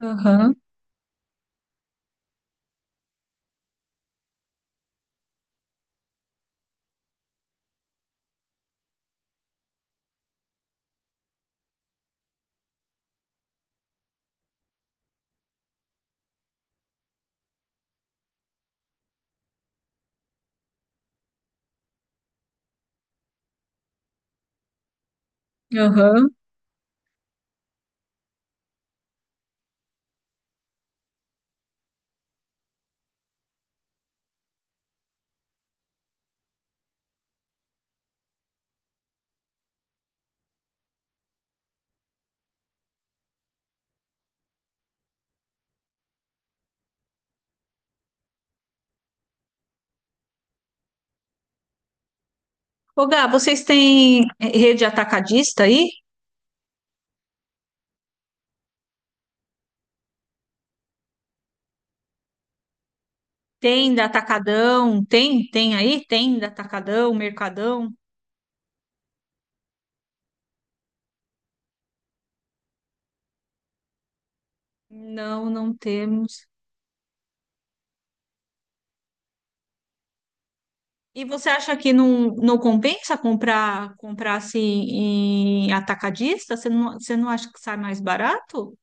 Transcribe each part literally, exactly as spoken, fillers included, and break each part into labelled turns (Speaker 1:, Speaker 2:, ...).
Speaker 1: Aham, aham. Ô, Gá, vocês têm eh, rede atacadista aí? Tem da Atacadão? Tem? Tem aí? Tem da Atacadão, Mercadão? Não, não temos. E você acha que não, não compensa comprar comprar assim em atacadista? Você não, você não acha que sai mais barato?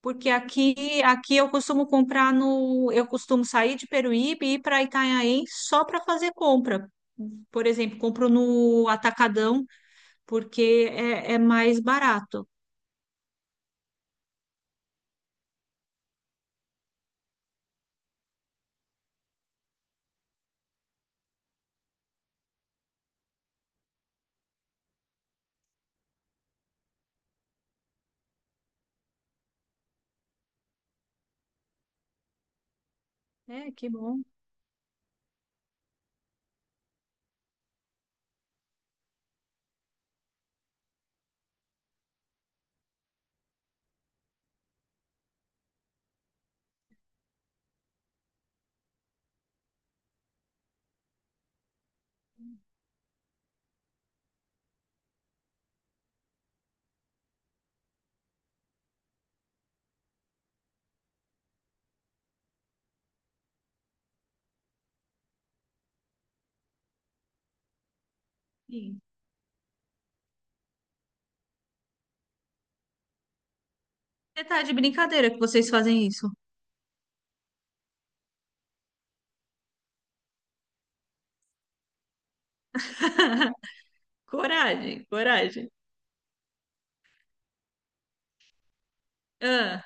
Speaker 1: Porque aqui aqui eu costumo comprar no eu costumo sair de Peruíbe e ir para Itanhaém só para fazer compra. Por exemplo, compro no Atacadão porque é, é mais barato. É, que bom. Sim. Você tá de brincadeira que vocês fazem isso. Coragem, coragem. Ah,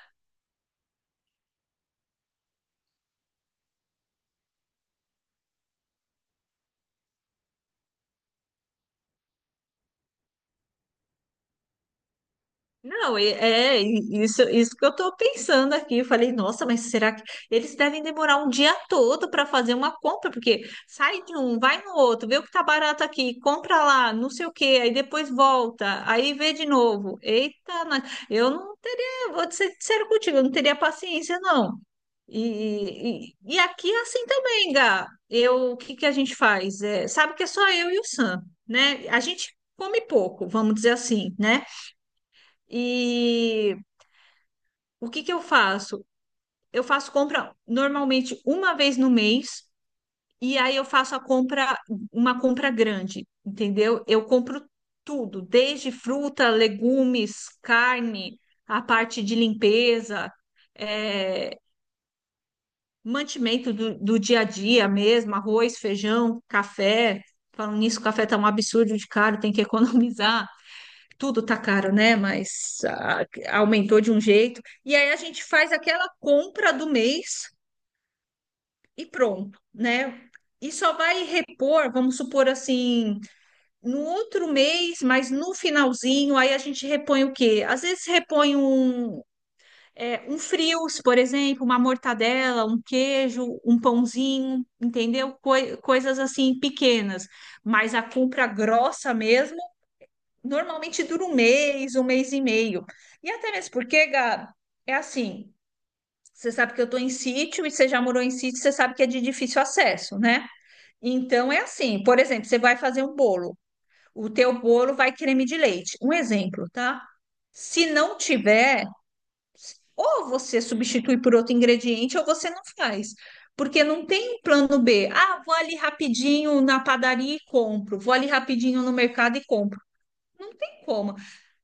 Speaker 1: não, e- é e- isso, isso que eu tô pensando aqui. Eu falei, nossa, mas será que eles devem demorar um dia todo para fazer uma compra? Porque sai de um, vai no outro, vê o que tá barato aqui, compra lá, não sei o quê, aí depois volta, aí vê de novo. Eita, nós- eu não teria, vou ser sincero contigo, eu não teria paciência, não. E, e, e aqui é assim também, Gá. Eu, o que que a gente faz? É, sabe que é só eu e o Sam, né? A gente come pouco, vamos dizer assim, né? E o que que eu faço? Eu faço compra normalmente uma vez no mês, e aí eu faço a compra, uma compra grande, entendeu? Eu compro tudo, desde fruta, legumes, carne, a parte de limpeza. É, mantimento do, do dia a dia mesmo, arroz, feijão, café. Falando nisso, o café tá um absurdo de caro, tem que economizar. Tudo tá caro, né? Mas ah, aumentou de um jeito. E aí a gente faz aquela compra do mês e pronto, né? E só vai repor, vamos supor assim, no outro mês, mas no finalzinho, aí a gente repõe o quê? Às vezes repõe um, é, um frios, por exemplo, uma mortadela, um queijo, um pãozinho, entendeu? Coi- coisas assim pequenas. Mas a compra grossa mesmo, normalmente dura um mês, um mês e meio. E até mesmo porque, Gabi, é assim, você sabe que eu estou em sítio e você já morou em sítio, você sabe que é de difícil acesso, né? Então é assim, por exemplo, você vai fazer um bolo, o teu bolo vai creme de leite. Um exemplo, tá? Se não tiver ou você substitui por outro ingrediente, ou você não faz. Porque não tem um plano B. Ah, vou ali rapidinho na padaria e compro. Vou ali rapidinho no mercado e compro. Não tem como.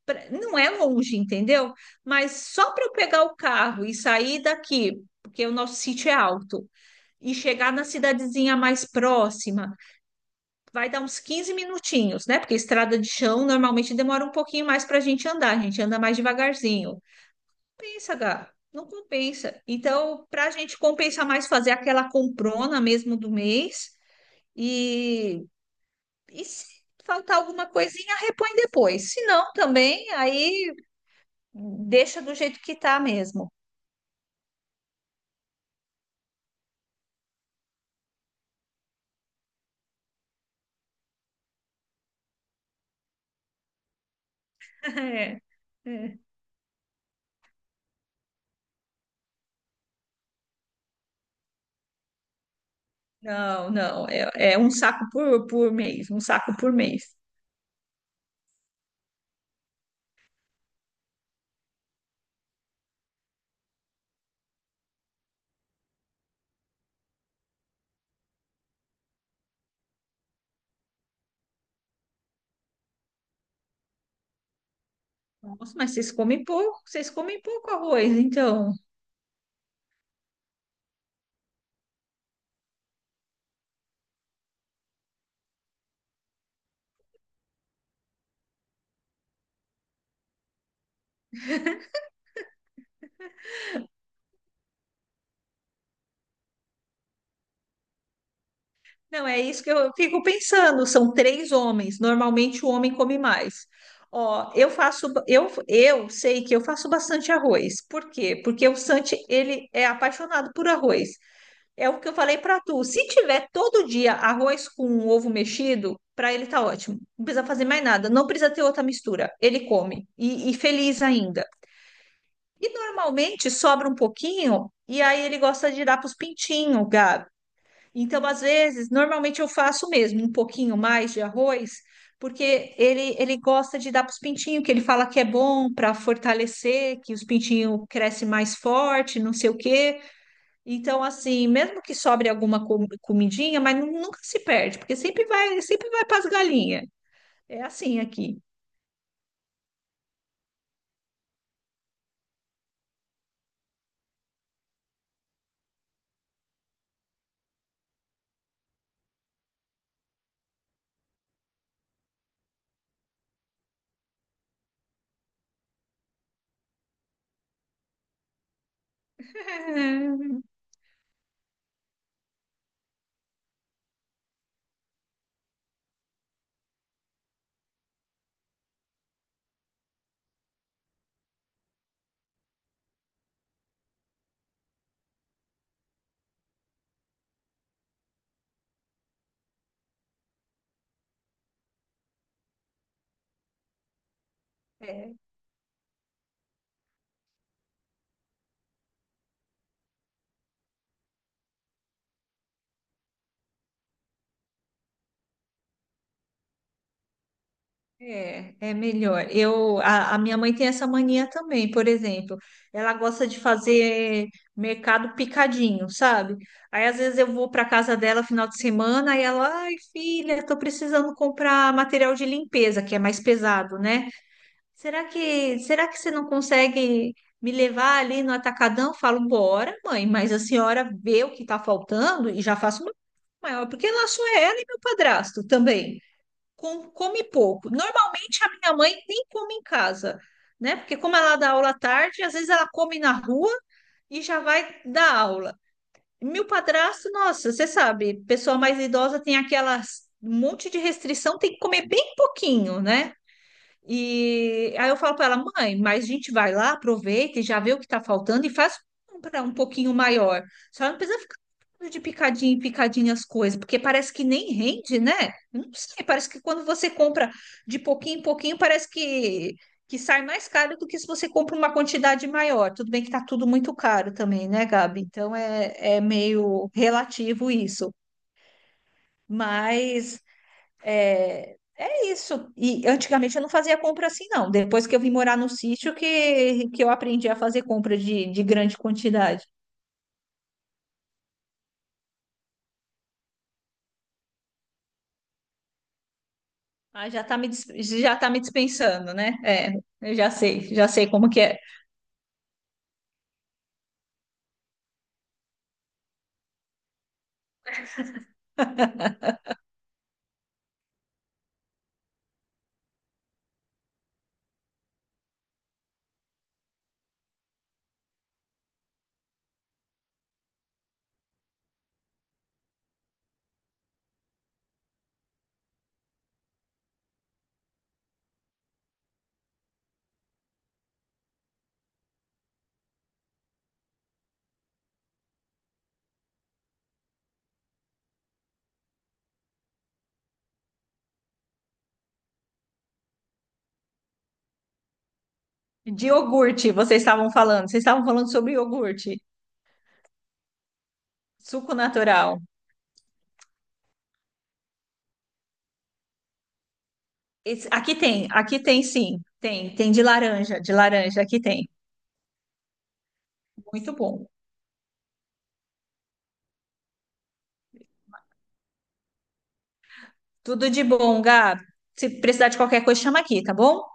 Speaker 1: Pra- Não é longe, entendeu? Mas só para eu pegar o carro e sair daqui, porque o nosso sítio é alto, e chegar na cidadezinha mais próxima, vai dar uns quinze minutinhos, né? Porque estrada de chão normalmente demora um pouquinho mais para a gente andar. A gente anda mais devagarzinho, compensa, Gá. Não compensa. Então, para a gente compensar mais fazer aquela comprona mesmo do mês e, e se faltar alguma coisinha, repõe depois. Se não, também, aí deixa do jeito que tá mesmo. É, é. Não, não. É, é um saco por, por mês, um saco por mês. Nossa, mas vocês comem pouco, vocês comem pouco arroz, então. Não, é isso que eu fico pensando. São três homens. Normalmente o homem come mais. Ó, eu faço, ba- eu, eu sei que eu faço bastante arroz. Por quê? Porque o Santi, ele é apaixonado por arroz. É o que eu falei para tu. Se tiver todo dia arroz com um ovo mexido, para ele tá ótimo. Não precisa fazer mais nada. Não precisa ter outra mistura. Ele come e, e feliz ainda. E normalmente sobra um pouquinho e aí ele gosta de dar para os pintinhos, então, às vezes, normalmente eu faço mesmo um pouquinho mais de arroz, porque ele, ele gosta de dar para os pintinhos, que ele fala que é bom para fortalecer, que os pintinhos crescem mais forte, não sei o quê. Então, assim, mesmo que sobre alguma co- comidinha, mas nu- nunca se perde, porque sempre vai, sempre vai para as galinhas. É assim aqui. É, é melhor. Eu, a, a minha mãe tem essa mania também, por exemplo. Ela gosta de fazer mercado picadinho, sabe? Aí às vezes eu vou para casa dela final de semana e ela, ai, filha, tô precisando comprar material de limpeza, que é mais pesado, né? Será que, será que você não consegue me levar ali no atacadão? Eu falo, bora, mãe, mas a senhora vê o que tá faltando e já faço uma maior, porque lá só é ela e meu padrasto também com- come pouco. Normalmente a minha mãe nem come em casa, né? Porque como ela dá aula à tarde, às vezes ela come na rua e já vai dar aula. Meu padrasto, nossa, você sabe, pessoa mais idosa tem aquelas um monte de restrição, tem que comer bem pouquinho, né? E aí eu falo para ela, mãe, mas a gente vai lá, aproveita e já vê o que está faltando e faz comprar um pouquinho maior. Só não precisa ficar comprando de picadinho em picadinho as coisas, porque parece que nem rende, né? Eu não sei, parece que quando você compra de pouquinho em pouquinho, parece que, que sai mais caro do que se você compra uma quantidade maior. Tudo bem que está tudo muito caro também, né, Gabi? Então é, é meio relativo isso. Mas é, é isso. E antigamente eu não fazia compra assim, não. Depois que eu vim morar no sítio, que, que eu aprendi a fazer compra de, de grande quantidade. Ah, já tá me, dis- já tá me dispensando, né? É, eu já sei, já sei como que é. De iogurte, vocês estavam falando. Vocês estavam falando sobre iogurte, suco natural. Esse- aqui tem, aqui tem sim. Tem, tem de laranja, de laranja, aqui tem. Muito bom. Tudo de bom, Gabi. Se precisar de qualquer coisa, chama aqui, tá bom?